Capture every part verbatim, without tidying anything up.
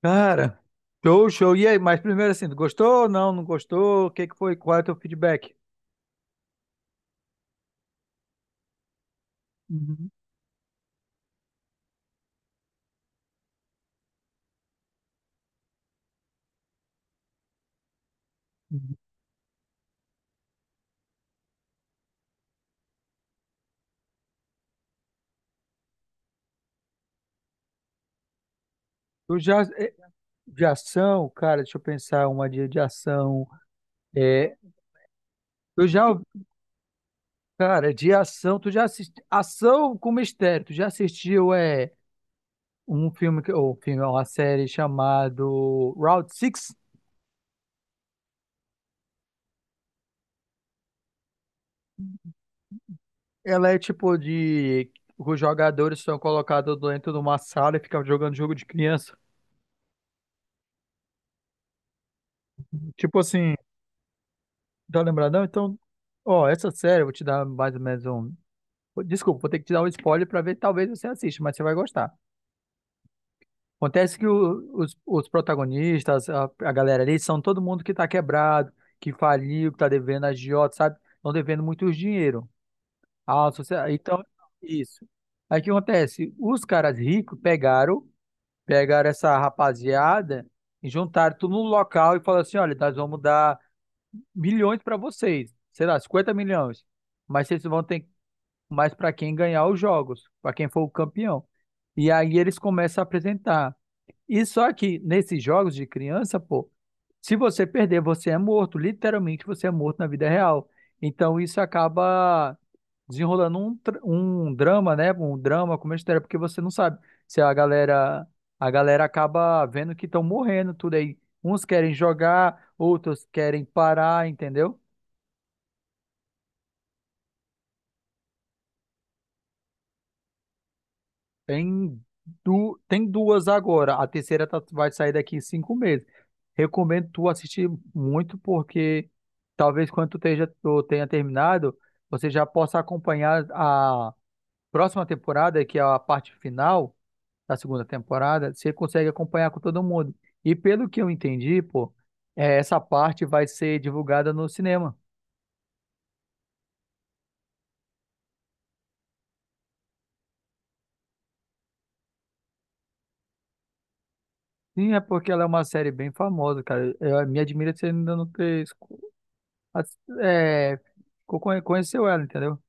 Cara, show, show. E aí, mas primeiro assim, tu gostou ou não? Não gostou? O que que foi? Qual é o teu feedback? Uhum, uhum. Eu já, é, de ação, cara, deixa eu pensar uma de, de ação. É, eu já, cara, de ação, tu já assistiu, ação com mistério, tu já assistiu, é, um filme, que- ou filme, é uma série chamado Route Six. Ela é tipo de, os jogadores são colocados dentro de uma sala e ficam jogando jogo de criança. Tipo assim, tá lembradão? Então, ó, essa série eu vou te dar mais ou menos um. Desculpa, vou ter que te dar um spoiler pra ver, talvez você assista, mas você vai gostar. Acontece que o- os, os protagonistas, a, a galera ali, são todo mundo que tá quebrado, que faliu, que tá devendo agiota, sabe? Estão devendo muito dinheiro. Ah, sociedade. Então, isso. Aí o que acontece? Os caras ricos pegaram, pegaram essa rapaziada e juntaram tudo num local e falaram assim: olha, nós vamos dar milhões para vocês, sei lá, cinquenta milhões. Mas vocês vão ter mais para quem ganhar os jogos, para quem for o campeão. E aí eles começam a apresentar. E só que nesses jogos de criança, pô, se você perder, você é morto. Literalmente, você é morto na vida real. Então isso acaba desenrolando um, tr- um drama, né? Um drama com uma história, porque você não sabe se a galera, a galera acaba vendo que estão morrendo tudo aí. Uns querem jogar, outros querem parar, entendeu? Tem, du... tem duas agora. A terceira tá- vai sair daqui cinco meses. Recomendo tu assistir muito, porque talvez quando tu esteja- tu tenha terminado, você já possa acompanhar a próxima temporada, que é a parte final da segunda temporada. Você consegue acompanhar com todo mundo. E pelo que eu entendi, pô, é, essa parte vai ser divulgada no cinema. Sim, é porque ela é uma série bem famosa, cara. Eu, me admira você ainda não ter as- é, co- conhe- conheceu ela, entendeu?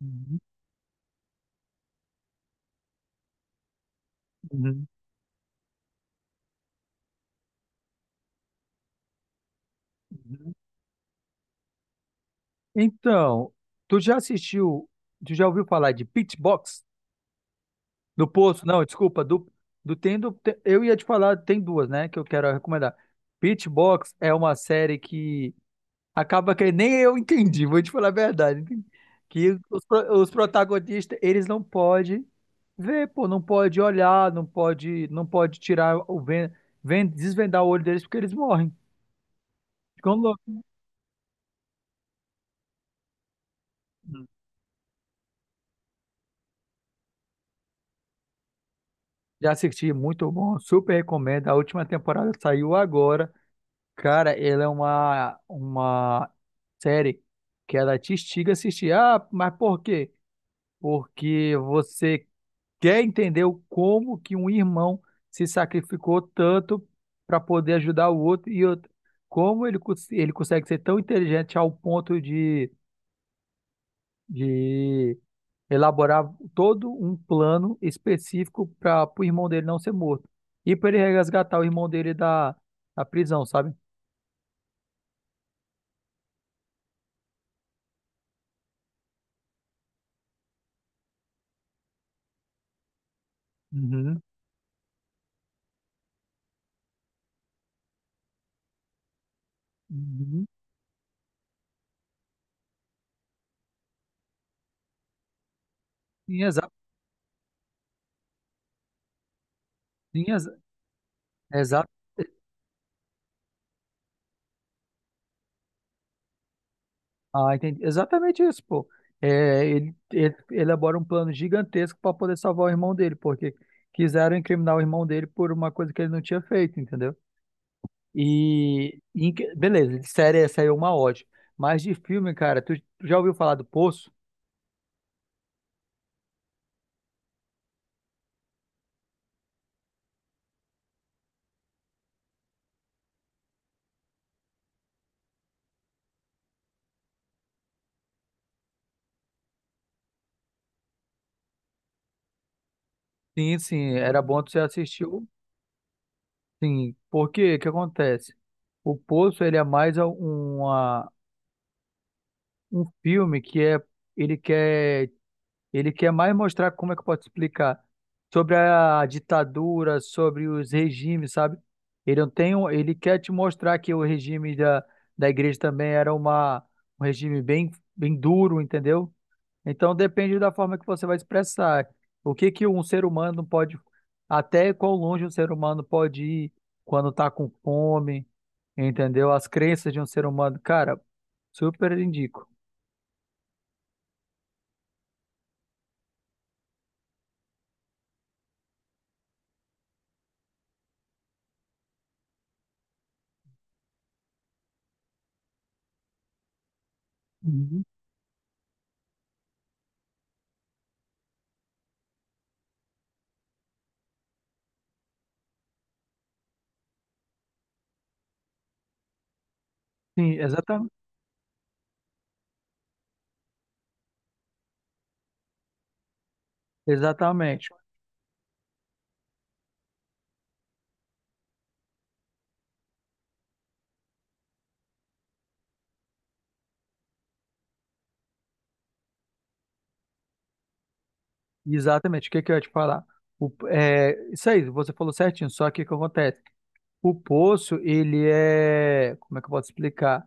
Uhum, uhum, uhum. Então, tu já assistiu, tu já ouviu falar de Pitchbox? Do Poço, não, desculpa, do, do tem do, te- eu ia te falar, tem duas, né, que eu quero recomendar. Pitchbox é uma série que acaba que nem eu entendi, vou te falar a verdade. Que os, pro- os protagonistas, eles não podem ver, pô, não pode olhar, não pode, não pode tirar o ven, ven- desvendar o olho deles porque eles morrem. Ficam loucos. Já assisti, muito bom, super recomendo. A última temporada saiu agora. Cara, ela é uma, uma série que ela te instiga a assistir. Ah, mas por quê? Porque você quer entender o como que um irmão se sacrificou tanto para poder ajudar o outro e outro, como ele, cons- ele consegue ser tão inteligente ao ponto de, de elaborar todo um plano específico para o irmão dele não ser morto e para ele resgatar o irmão dele da, da prisão, sabe? Uhum. Uhum. Sim, exa sim, exa- exato. Ah, entendi. Exatamente isso, pô. É, ele, ele elabora um plano gigantesco para poder salvar o irmão dele, porque quiseram incriminar o irmão dele por uma coisa que ele não tinha feito, entendeu? E, e inc- beleza, de série é, saiu uma ótima. Mas de filme, cara, tu, tu já ouviu falar do Poço? Sim, sim, era bom tu assistir. o- Sim, porque o que acontece? O Poço, ele é mais a- uma, um filme que é, ele quer. Ele quer mais mostrar como é que eu posso explicar sobre a ditadura, sobre os regimes, sabe? Ele não tem, um- ele quer te mostrar que o regime da, da igreja também era uma, um regime bem, bem duro, entendeu? Então depende da forma que você vai expressar. O que que um ser humano pode, até quão longe um ser humano pode ir quando tá com fome, entendeu? As crenças de um ser humano, cara, super indico. Uhum. Sim, exatamente. Exatamente. Exatamente, o que que eu ia te falar? O, é, isso aí, você falou certinho, só que o que acontece? O poço, ele é. Como é que eu posso explicar?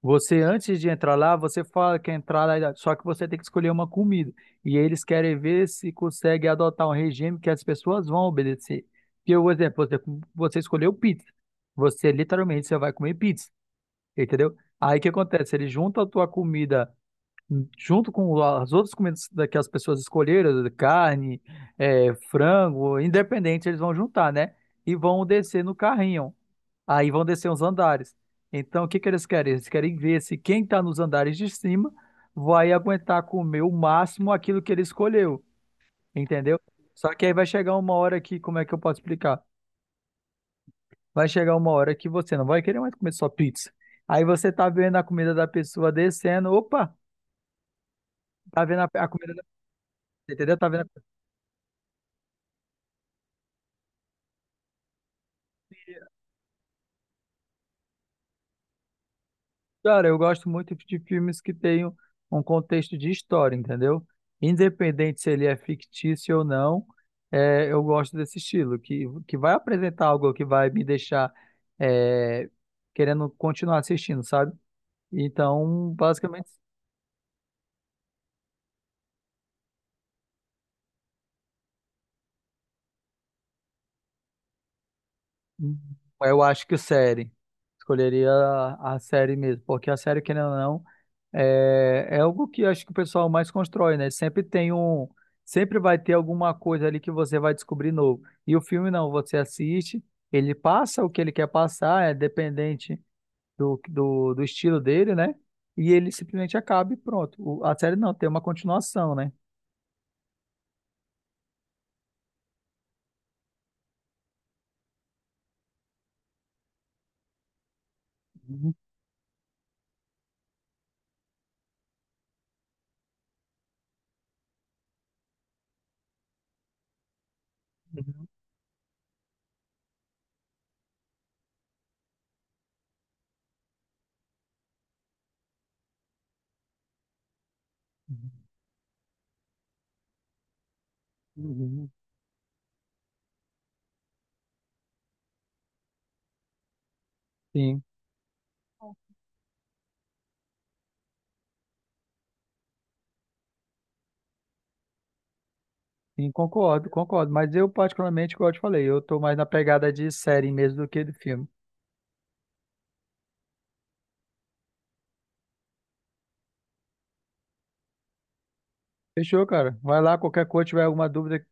Você, antes de entrar lá, você fala que quer entrar lá, só que você tem que escolher uma comida. E eles querem ver se consegue adotar um regime que as pessoas vão obedecer. Porque, por exemplo, você, você escolheu pizza. Você literalmente você vai comer pizza, entendeu? Aí o que acontece? Ele junta a tua comida junto com as outras comidas da- que as pessoas escolheram, carne, é, frango, independente, eles vão juntar, né? E vão descer no carrinho. Aí vão descer os andares. Então, o que que eles querem? Eles querem ver se quem está nos andares de cima vai aguentar comer o máximo aquilo que ele escolheu, entendeu? Só que aí vai chegar uma hora que, como é que eu posso explicar? Vai chegar uma hora que você não vai querer mais comer só pizza. Aí você tá vendo a comida da pessoa descendo, opa, tá vendo a, a comida da, entendeu? Tá vendo. Cara, eu gosto muito de filmes que tenham um contexto de história, entendeu? Independente se ele é fictício ou não, é, eu gosto desse estilo, que, que vai apresentar algo que vai me deixar é, querendo continuar assistindo, sabe? Então, basicamente, eu acho que série. Escolheria a, a série mesmo, porque a série, querendo ou não, é, é algo que eu acho que o pessoal mais constrói, né? Sempre tem um, sempre vai ter alguma coisa ali que você vai descobrir novo. E o filme não, você assiste, ele passa o que ele quer passar, é dependente do, do, do estilo dele, né? E ele simplesmente acaba e pronto. O- a série não, tem uma continuação, né? Uhum, uhum, uhum, uhum. Sim, sim, concordo, concordo. Mas eu particularmente, como eu te falei, eu tô mais na pegada de série mesmo do que de filme. Fechou, cara. Vai lá, qualquer coisa, tiver alguma dúvida.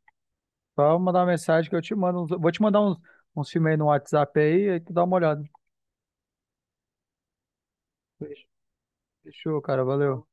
Só mandar uma mensagem que eu te mando. uns- Vou te mandar uns, uns filmes aí no WhatsApp aí, aí tu dá uma olhada. Fechou, cara. Valeu.